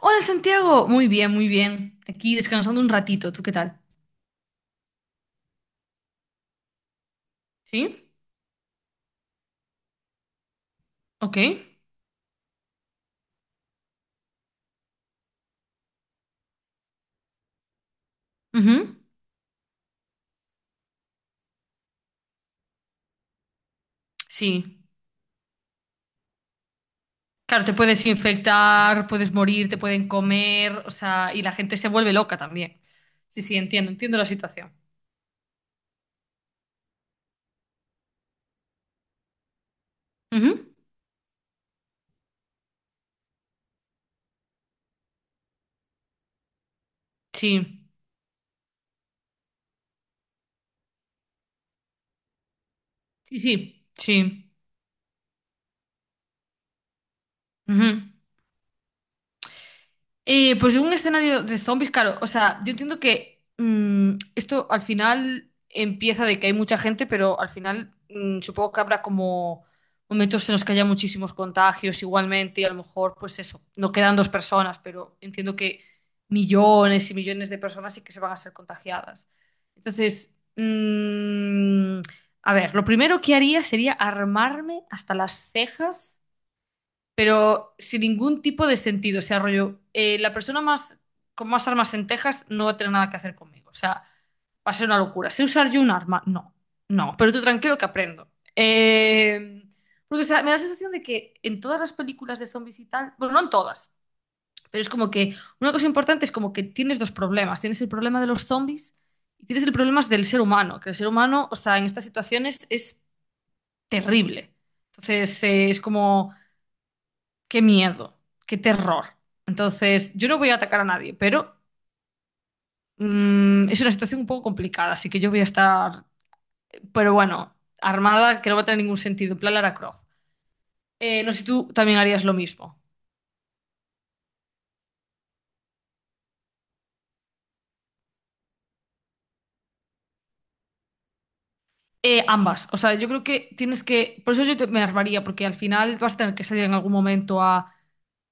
Hola Santiago, muy bien, muy bien. Aquí descansando un ratito, ¿tú qué tal? ¿Sí? ¿Ok? Ujú. Sí. Claro, te puedes infectar, puedes morir, te pueden comer, o sea, y la gente se vuelve loca también. Sí, sí, entiendo, entiendo la situación. Ujú. Sí, sí, sí, sí. Ujú. Pues un escenario de zombies, claro. O sea, yo entiendo que esto al final empieza de que hay mucha gente, pero al final supongo que habrá como momentos en los que haya muchísimos contagios igualmente y a lo mejor, pues eso, no quedan dos personas, pero entiendo que millones y millones de personas sí que se van a ser contagiadas. Entonces, a ver, lo primero que haría sería armarme hasta las cejas pero sin ningún tipo de sentido. O sea, rollo, la persona más, con más armas en Texas no va a tener nada que hacer conmigo. O sea, va a ser una locura. ¿Sé usar yo un arma? No, no, pero tú tranquilo que aprendo. Eh, Porque, o sea, me da la sensación de que en todas las películas de zombies y tal, bueno, no en todas, pero es como que una cosa importante es como que tienes dos problemas. Tienes el problema de los zombies y tienes el problema del ser humano, que el ser humano, o sea, en estas situaciones es terrible. Entonces, es como qué miedo, qué terror. Entonces, yo no voy a atacar a nadie, pero es una situación un poco complicada, así que yo voy a estar, pero bueno, armada, que no va a tener ningún sentido, en plan Lara Croft. No sé si tú también harías lo mismo. Ambas, o sea, yo creo que tienes que, por eso yo me armaría, porque al final vas a tener que salir en algún momento a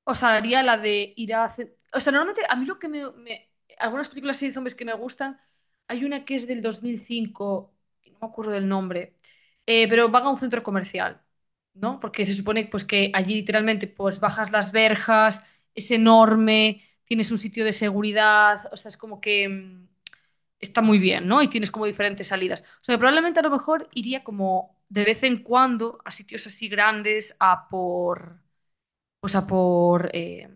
O sea, haría la de ir a... O sea, normalmente a mí lo que me... me- Algunas películas así de zombies que me gustan, hay una que es del 2005, que no me acuerdo del nombre, pero van a un centro comercial, ¿no? Porque se supone pues, que allí literalmente pues bajas las verjas, es enorme, tienes un sitio de seguridad, o sea, es como que está muy bien, ¿no? Y tienes como diferentes salidas. O sea, probablemente a lo mejor iría como de vez en cuando a sitios así grandes a por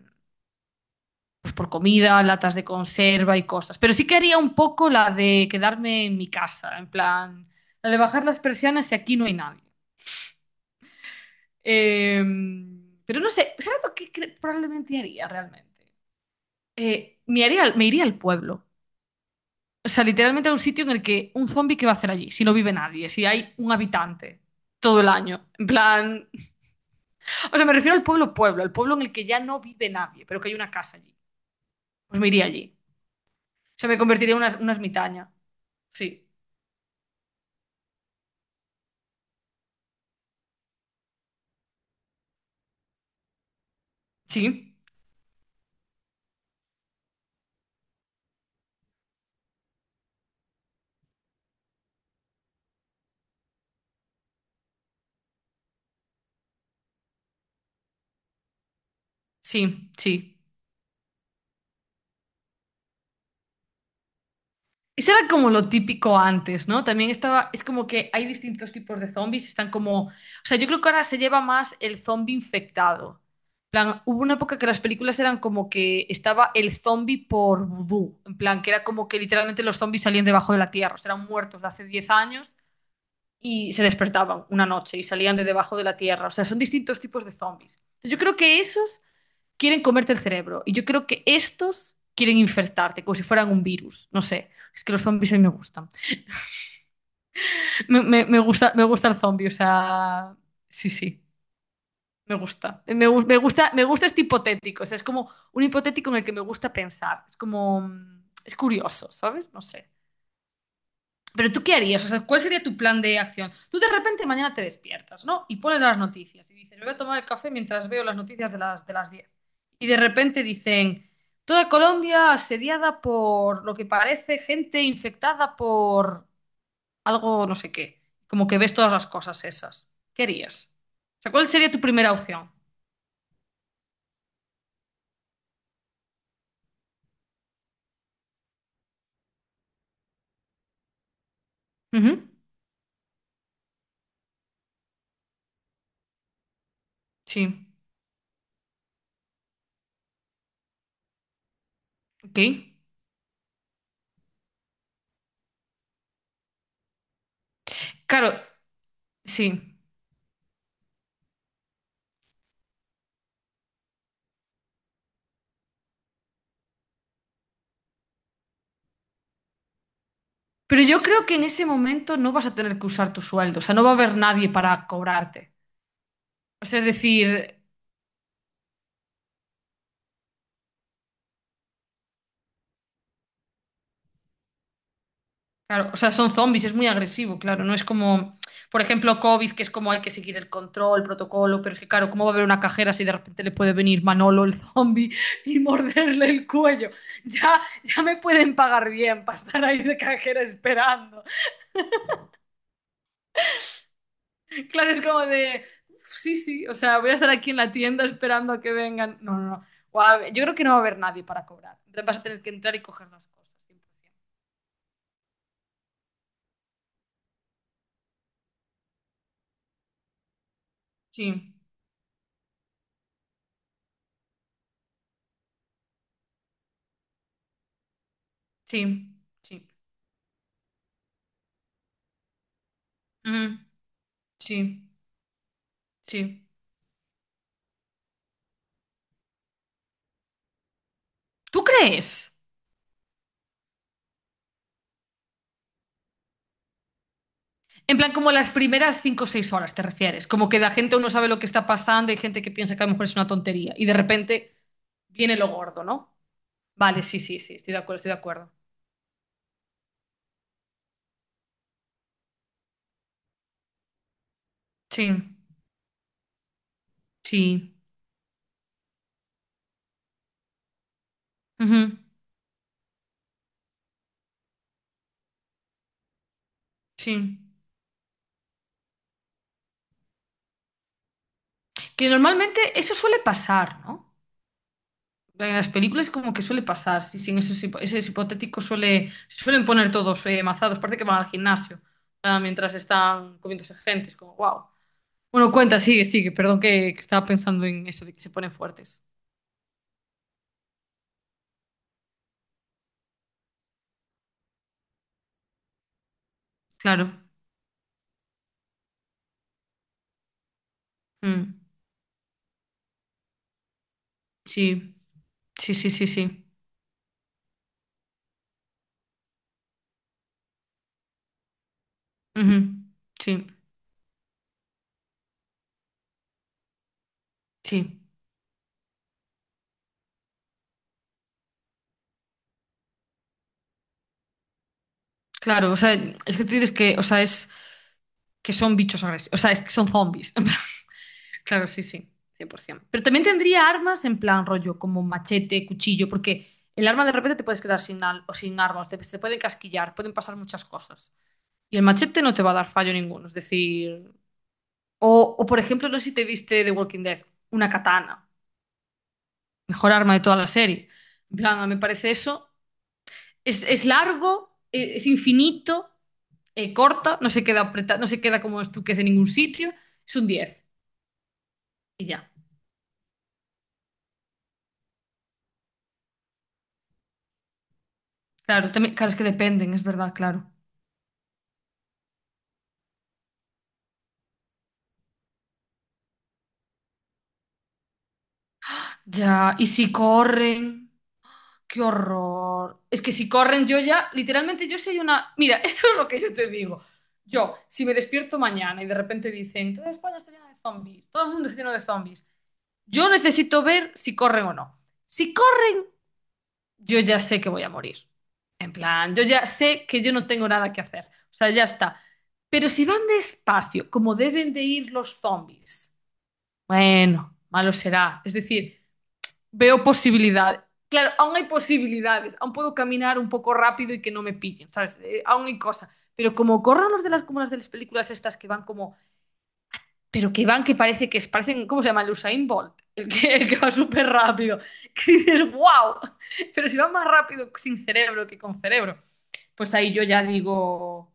pues por comida, latas de conserva y cosas. Pero sí que haría un poco la de quedarme en mi casa, en plan, la de bajar las persianas si aquí no hay nadie. Eh, pero no sé, ¿sabes lo que probablemente haría realmente? Me haría, me iría al pueblo. O sea, literalmente a un sitio en el que un zombie, ¿qué va a hacer allí? Si no vive nadie, si hay un habitante todo el año. En plan, o sea, me refiero al pueblo pueblo, al pueblo en el que ya no vive nadie, pero que hay una casa allí. Pues me iría allí. O sea, me convertiría en una ermitaña. Sí. Sí, sí, sí. Eso era como lo típico antes, ¿no? También estaba, es como que hay distintos tipos de zombies, están como, o sea, yo creo que ahora se lleva más el zombie infectado. En plan, hubo una época que las películas eran como que estaba el zombie por vudú, en plan, que era como que literalmente los zombies salían debajo de la tierra, o sea, eran muertos de hace 10 años y se despertaban una noche y salían de debajo de la tierra, o sea, son distintos tipos de zombies. Yo creo que esos quieren comerte el cerebro. Y yo creo que estos quieren infectarte, como si fueran un virus. No sé, es que los zombies a mí me gustan. Me gusta, me gusta el zombie, o sea, sí, sí, me gusta. Me gusta, me gusta este hipotético, o sea, es como un hipotético en el que me gusta pensar. Es como, es curioso, ¿sabes? No sé. Pero tú qué harías, o sea, ¿cuál sería tu plan de acción? Tú de repente mañana te despiertas, ¿no? Y pones las noticias y dices, "Me voy a tomar el café mientras veo las noticias de las, 10. Y de repente dicen, toda Colombia asediada por lo que parece gente infectada por algo no sé qué. Como que ves todas las cosas esas. ¿Qué harías? O sea, ¿cuál sería tu primera opción? Ujú, Sí, ok. Claro, sí. Pero yo creo que en ese momento no vas a tener que usar tu sueldo, o sea, no va a haber nadie para cobrarte. O sea, es decir, claro, o sea, son zombies, es muy agresivo, claro. No es como, por ejemplo, COVID, que es como hay que seguir el control, el protocolo, pero es que, claro, ¿cómo va a haber una cajera si de repente le puede venir Manolo el zombie y morderle el cuello? Ya, ya me pueden pagar bien para estar ahí de cajera esperando. Claro, es como de, sí, sí, o sea, voy a estar aquí en la tienda esperando a que vengan. No, no, no. Guau, yo creo que no va a haber nadie para cobrar. Entonces vas a tener que entrar y coger las cosas, 100%. Sí, sí, sí. Ujú. Sí, sí. ¿Tú crees? En plan, como las primeras 5 o 6 horas te refieres. Como que la gente uno sabe lo que está pasando, hay gente que piensa que a lo mejor es una tontería y de repente viene lo gordo, ¿no? Vale, sí, sí, sí, estoy de acuerdo, estoy de acuerdo. Sí, sí, ujú, sí. Que normalmente eso suele pasar, ¿no? En las películas como que suele pasar, sí, sí, en esos, esos hipotéticos suele, se suelen poner todos mazados, parece que van al gimnasio, ah, mientras están comiéndose gente, es como, wow. Bueno, cuenta, sigue, sigue. Perdón que estaba pensando en eso de que se ponen fuertes. Claro. Mm. Sí, sí, sí, sí, sí. Ujú. Sí, sí. Claro, o sea, es que tienes que, o sea, es que son bichos agresivos, o sea, es que son zombies. Claro, sí, sí, 100%. Pero también tendría armas en plan rollo, como machete, cuchillo, porque el arma de repente te puedes quedar sin, o sin armas, te pueden casquillar, pueden pasar muchas cosas. Y el machete no te va a dar fallo ninguno, es decir... O, o, por ejemplo, no sé si te viste The Walking Dead, una katana. Mejor arma de toda la serie. En plan, me parece eso. Es largo, es infinito, corta, no se queda como estuquez en ningún sitio. Es un 10 Y ya. Claro, también, claro, es que dependen, es verdad, claro. Ya, y si corren, qué horror. Es que si corren, yo ya, literalmente, yo soy una. Mira, esto es lo que yo te digo. Yo, si me despierto mañana y de repente dicen, toda España está llena de zombies, todo el mundo está lleno de zombies, yo necesito ver si corren o no. Si corren, yo ya sé que voy a morir. En plan, yo ya sé que yo no tengo nada que hacer. O sea, ya está. Pero si van despacio, como deben de ir los zombies, bueno, malo será. Es decir, veo posibilidad. Claro, aún hay posibilidades. Aún puedo caminar un poco rápido y que no me pillen, ¿sabes? Aún hay cosas. Pero como corran los de las, como las de las películas estas que van como pero que van, que parece que es, parecen, ¿cómo se llama? El Usain Bolt, el que, el que va súper rápido. Que dices, wow, pero si va más rápido sin cerebro que con cerebro. Pues ahí yo ya digo,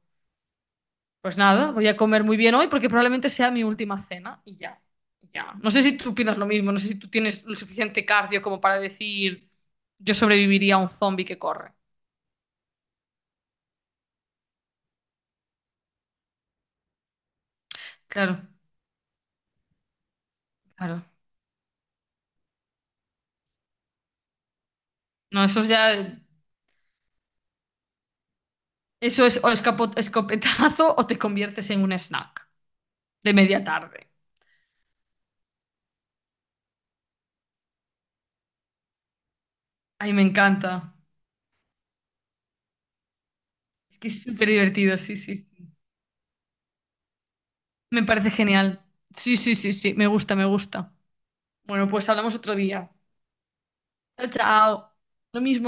pues nada, voy a comer muy bien hoy porque probablemente sea mi última cena y ya, y ya. No sé si tú opinas lo mismo, no sé si tú tienes lo suficiente cardio como para decir, yo sobreviviría a un zombie que corre. Claro, claro. No, eso es ya, eso es o escopetazo o te conviertes en un snack de media tarde. Ay, me encanta. Es que es súper divertido, sí, sí, sí. Me parece genial. Sí, sí, sí, sí, me gusta, me gusta. Bueno, pues hablamos otro día. Chao, chao. Lo mismo.